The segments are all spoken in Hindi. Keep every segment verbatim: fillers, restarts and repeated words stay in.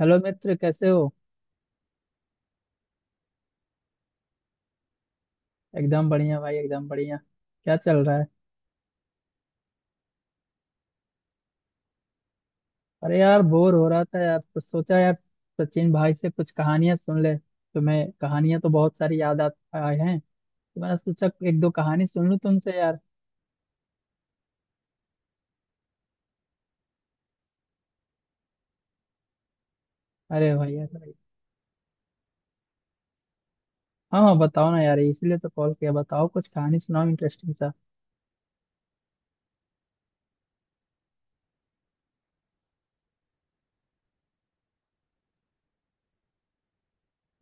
हेलो मित्र, कैसे हो? एकदम बढ़िया भाई, एकदम बढ़िया। क्या चल रहा है? अरे यार, बोर हो रहा था यार, तो सोचा यार सचिन भाई से कुछ कहानियां सुन ले। तुम्हें कहानियां तो बहुत सारी याद आ- आए हैं, तो मैंने सोचा एक दो कहानी सुन लूं तुमसे यार। अरे भाई, यार भाई। हाँ हाँ, बताओ ना यार, इसलिए तो कॉल किया। बताओ कुछ कहानी सुनाओ इंटरेस्टिंग सा।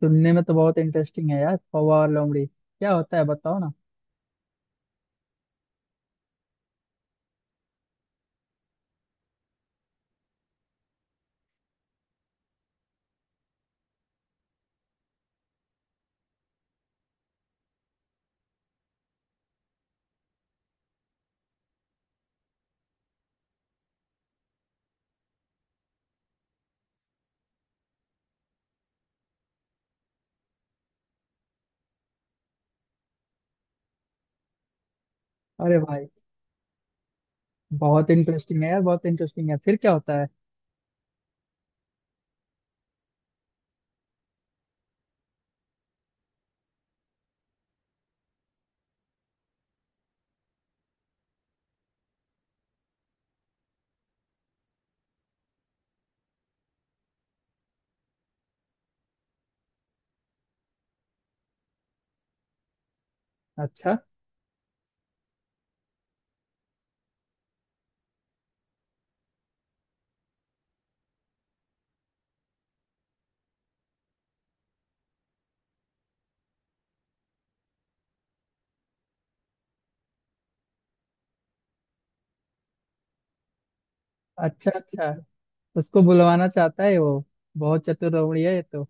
सुनने में तो बहुत इंटरेस्टिंग है यार, कौवा और लोमड़ी क्या होता है, बताओ ना। अरे भाई, बहुत इंटरेस्टिंग है यार, बहुत इंटरेस्टिंग है। फिर क्या होता है? अच्छा अच्छा। अच्छा, उसको बुलवाना चाहता है वो। बहुत चतुर लोमड़ी है ये तो।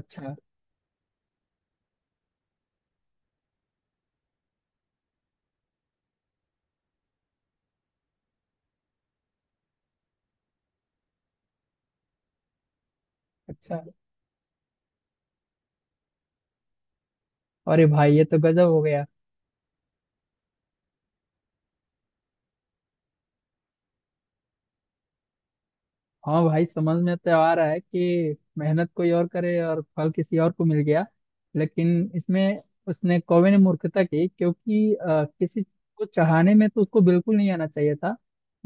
अच्छा अच्छा। अरे भाई, ये तो गजब हो गया। हाँ भाई, समझ में तो आ रहा है कि मेहनत कोई और करे और फल किसी और को मिल गया। लेकिन इसमें उसने कौवे ने मूर्खता की, क्योंकि अ, किसी को चाहने में तो उसको बिल्कुल नहीं आना चाहिए था।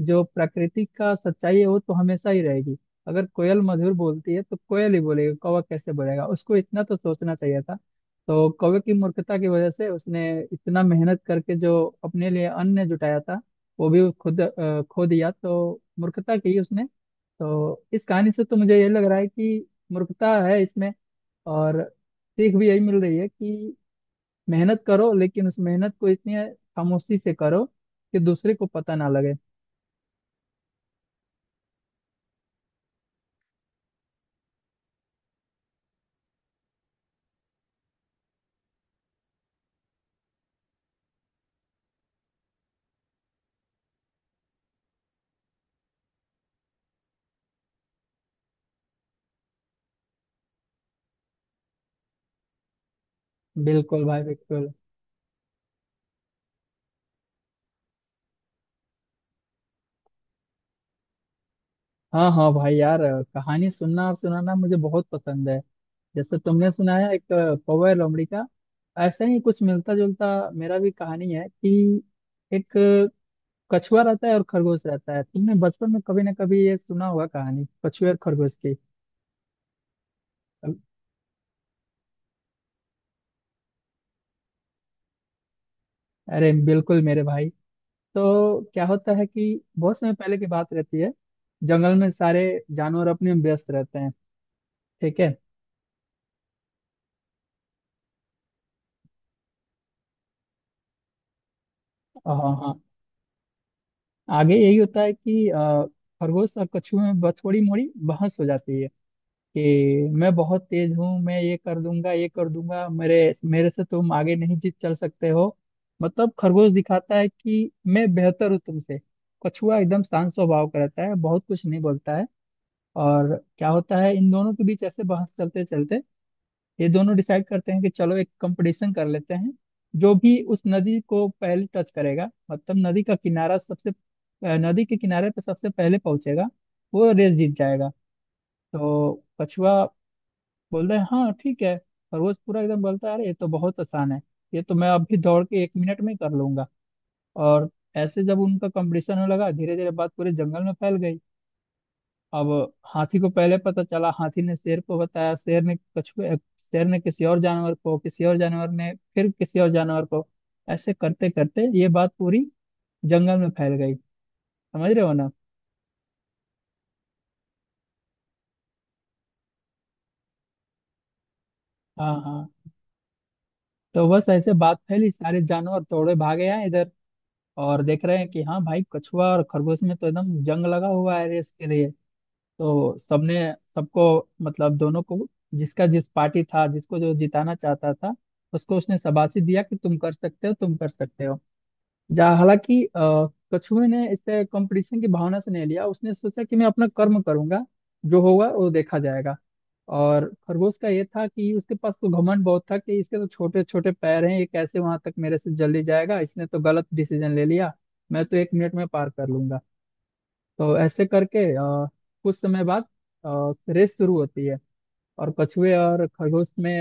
जो प्रकृति का सच्चाई है वो तो हमेशा ही रहेगी। अगर कोयल मधुर बोलती है तो कोयल ही बोलेगा, कौवा कैसे बोलेगा, उसको इतना तो सोचना चाहिए था। तो कौवे की मूर्खता की वजह से उसने इतना मेहनत करके जो अपने लिए अन्न जुटाया था, वो भी खुद अ, खो दिया। तो मूर्खता की उसने। तो इस कहानी से तो मुझे ये लग रहा है कि मूर्खता है इसमें, और सीख भी यही मिल रही है कि मेहनत करो, लेकिन उस मेहनत को इतनी खामोशी से करो कि दूसरे को पता ना लगे। बिल्कुल भाई, बिल्कुल। हाँ हाँ भाई यार, कहानी सुनना और सुनाना मुझे बहुत पसंद है। जैसे तुमने सुनाया एक कौवा लोमड़ी का, ऐसा ही कुछ मिलता जुलता मेरा भी कहानी है कि एक कछुआ रहता है और खरगोश रहता है। तुमने बचपन में कभी ना कभी ये सुना होगा, कहानी कछुए और खरगोश की। अरे बिल्कुल मेरे भाई। तो क्या होता है कि बहुत समय पहले की बात रहती है, जंगल में सारे जानवर अपने में व्यस्त रहते हैं, ठीक है? हाँ हाँ। आगे यही होता है कि अ, खरगोश और कछुए में ब- थोड़ी मोड़ी बहस हो जाती है कि मैं बहुत तेज हूँ, मैं ये कर दूंगा ये कर दूंगा, मेरे मेरे से तुम आगे नहीं जीत चल सकते हो। मतलब खरगोश दिखाता है कि मैं बेहतर हूँ तुमसे। कछुआ एकदम शांत स्वभाव का रहता है, बहुत कुछ नहीं बोलता है। और क्या होता है इन दोनों के बीच ऐसे बहस चलते चलते ये दोनों डिसाइड करते हैं कि चलो एक कंपटीशन कर लेते हैं। जो भी उस नदी को पहले टच करेगा, मतलब नदी का किनारा सबसे अ, नदी के किनारे पे सबसे पहले पहुंचेगा, वो रेस जीत जाएगा। तो कछुआ बोल रहे हैं हाँ ठीक है। खरगोश पूरा एकदम बोलता है, अरे ये तो बहुत आसान है, ये तो मैं अभी दौड़ के एक मिनट में कर लूंगा। और ऐसे जब उनका कंपटीशन होने लगा, धीरे धीरे बात पूरे जंगल में फैल गई। अब हाथी को पहले पता चला, हाथी ने शेर को बताया, शेर ने कछुए शेर ने किसी और जानवर को, किसी और जानवर ने फिर किसी और जानवर को, ऐसे करते करते ये बात पूरी जंगल में फैल गई। समझ रहे हो ना? हाँ हाँ। तो बस ऐसे बात फैली, सारे जानवर दौड़े भागे आए इधर, और देख रहे हैं कि हाँ भाई, कछुआ और खरगोश में तो एकदम जंग लगा हुआ है रेस के लिए। तो सबने सबको, मतलब दोनों को, जिसका जिस पार्टी था, जिसको जो जिताना चाहता था, उसको उसने शाबाशी दिया कि तुम कर सकते हो तुम कर सकते हो। जा हालांकि अ, कछुए ने इसे कंपटीशन की भावना से नहीं लिया, उसने सोचा कि मैं अपना कर्म करूंगा, जो होगा वो देखा जाएगा। और खरगोश का ये था कि उसके पास तो घमंड बहुत था कि इसके तो छोटे छोटे पैर हैं, ये कैसे वहां तक मेरे से जल्दी जाएगा, इसने तो गलत डिसीजन ले लिया। मैं तो एक मिनट में पार कर लूंगा। तो ऐसे करके अ, कुछ समय बाद अ, रेस शुरू होती है, और कछुए और खरगोश में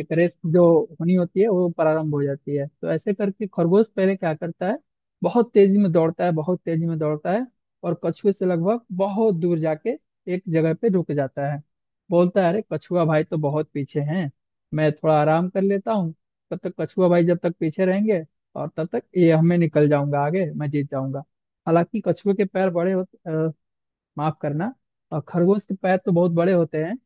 कि रेस जो होनी होती है वो प्रारंभ हो जाती है। तो ऐसे करके खरगोश पहले क्या करता है, बहुत तेजी में दौड़ता है, बहुत तेजी में दौड़ता है, और कछुए से लगभग बहुत दूर जाके एक जगह पे रुक जाता है। बोलता है, अरे कछुआ भाई तो बहुत पीछे हैं, मैं थोड़ा आराम कर लेता हूँ, तब तक कछुआ भाई जब तक पीछे रहेंगे और तब तक ये हमें निकल जाऊंगा आगे, मैं जीत जाऊंगा। हालांकि कछुए के पैर बड़े होते अ, माफ करना, और खरगोश के पैर तो बहुत बड़े होते हैं,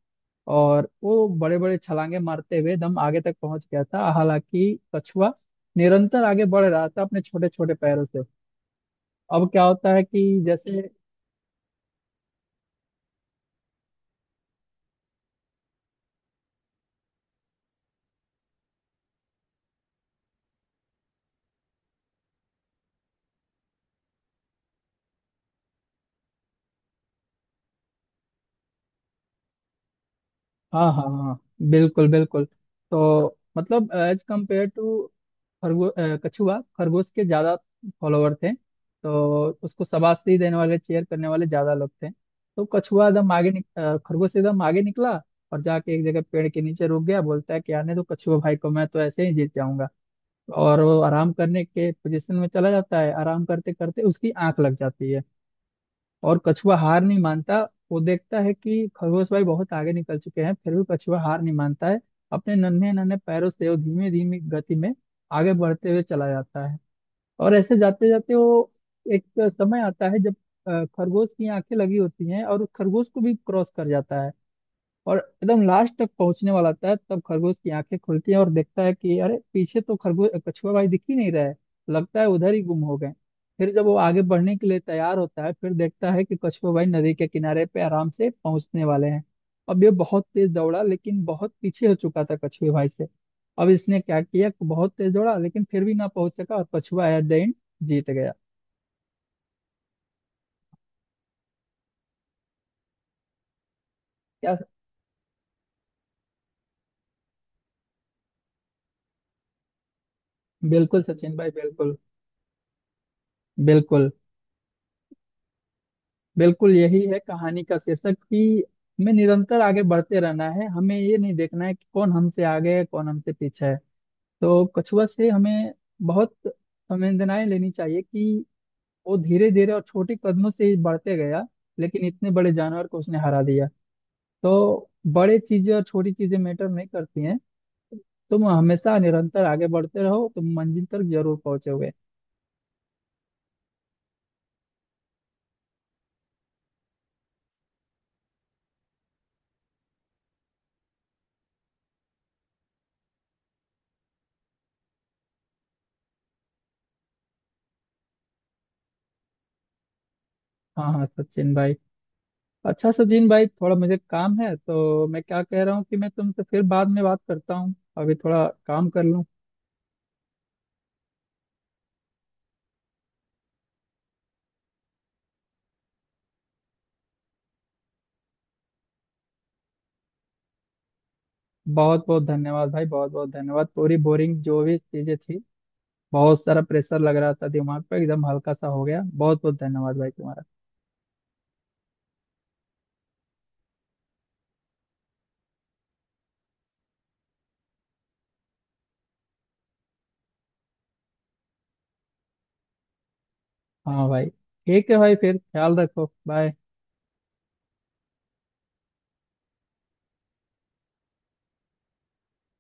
और वो बड़े बड़े छलांगे मारते हुए दम आगे तक पहुंच गया था। हालांकि कछुआ निरंतर आगे बढ़ रहा था अपने छोटे छोटे पैरों से। अब क्या होता है कि जैसे, हाँ हाँ हाँ, बिल्कुल बिल्कुल। तो मतलब एज कम्पेयर टू खरगोश, कछुआ खरगोश के ज्यादा फॉलोवर थे, तो उसको शाबाशी देने वाले चेयर करने वाले ज्यादा लोग थे। तो कछुआ एकदम आगे निक, अ, खरगोश एकदम आगे निकला और जाके एक जगह पेड़ के नीचे रुक गया। बोलता है कि आने दो कछुआ भाई को, मैं तो ऐसे ही जीत जाऊंगा। और वो आराम करने के पोजीशन में चला जाता है, आराम करते करते उसकी आंख लग जाती है। और कछुआ हार नहीं मानता। वो देखता है कि खरगोश भाई बहुत आगे निकल चुके हैं, फिर भी कछुआ हार नहीं मानता है, अपने नन्हे नन्हे पैरों से वो धीमे धीमे गति में आगे बढ़ते हुए चला जाता है। और ऐसे जाते जाते वो एक समय आता है जब अ, खरगोश की आंखें लगी होती हैं, और उस खरगोश को भी क्रॉस कर जाता है, और एकदम लास्ट तक पहुंचने वाला होता है, तब खरगोश की आंखें खुलती हैं और देखता है कि अरे पीछे तो खरगोश कछुआ भाई दिख ही नहीं रहा है, लगता है उधर ही गुम हो गए। फिर जब वो आगे बढ़ने के लिए तैयार होता है, फिर देखता है कि कछुआ भाई नदी के किनारे पे आराम से पहुंचने वाले हैं। अब ये बहुत तेज दौड़ा, लेकिन बहुत पीछे हो चुका था कछुए भाई से। अब इसने क्या किया कि बहुत तेज दौड़ा, लेकिन फिर भी ना पहुंच सका, और कछुआ एट द एंड जीत गया। क्या? बिल्कुल सचिन भाई, बिल्कुल। बिल्कुल बिल्कुल यही है कहानी का शीर्षक कि हमें निरंतर आगे बढ़ते रहना है, हमें ये नहीं देखना है कि कौन हमसे आगे है कौन हमसे पीछे है। तो कछुआ से हमें बहुत संवेदनाएं लेनी चाहिए कि वो धीरे धीरे और छोटे कदमों से ही बढ़ते गया, लेकिन इतने बड़े जानवर को उसने हरा दिया। तो बड़े चीजें और छोटी चीजें मैटर नहीं करती हैं। तुम हमेशा निरंतर आगे बढ़ते रहो, तुम मंजिल तक जरूर पहुंचोगे। हाँ हाँ सचिन भाई। अच्छा सचिन भाई, थोड़ा मुझे काम है, तो मैं क्या कह रहा हूँ कि मैं तुमसे फिर बाद में बात करता हूँ, अभी थोड़ा काम कर लूँ। बहुत बहुत धन्यवाद भाई, बहुत बहुत धन्यवाद। पूरी बोरिंग जो भी चीजें थी, बहुत सारा प्रेशर लग रहा था दिमाग पे, एकदम हल्का सा हो गया। बहुत बहुत धन्यवाद भाई तुम्हारा। हाँ भाई, ठीक है भाई, फिर ख्याल रखो। बाय।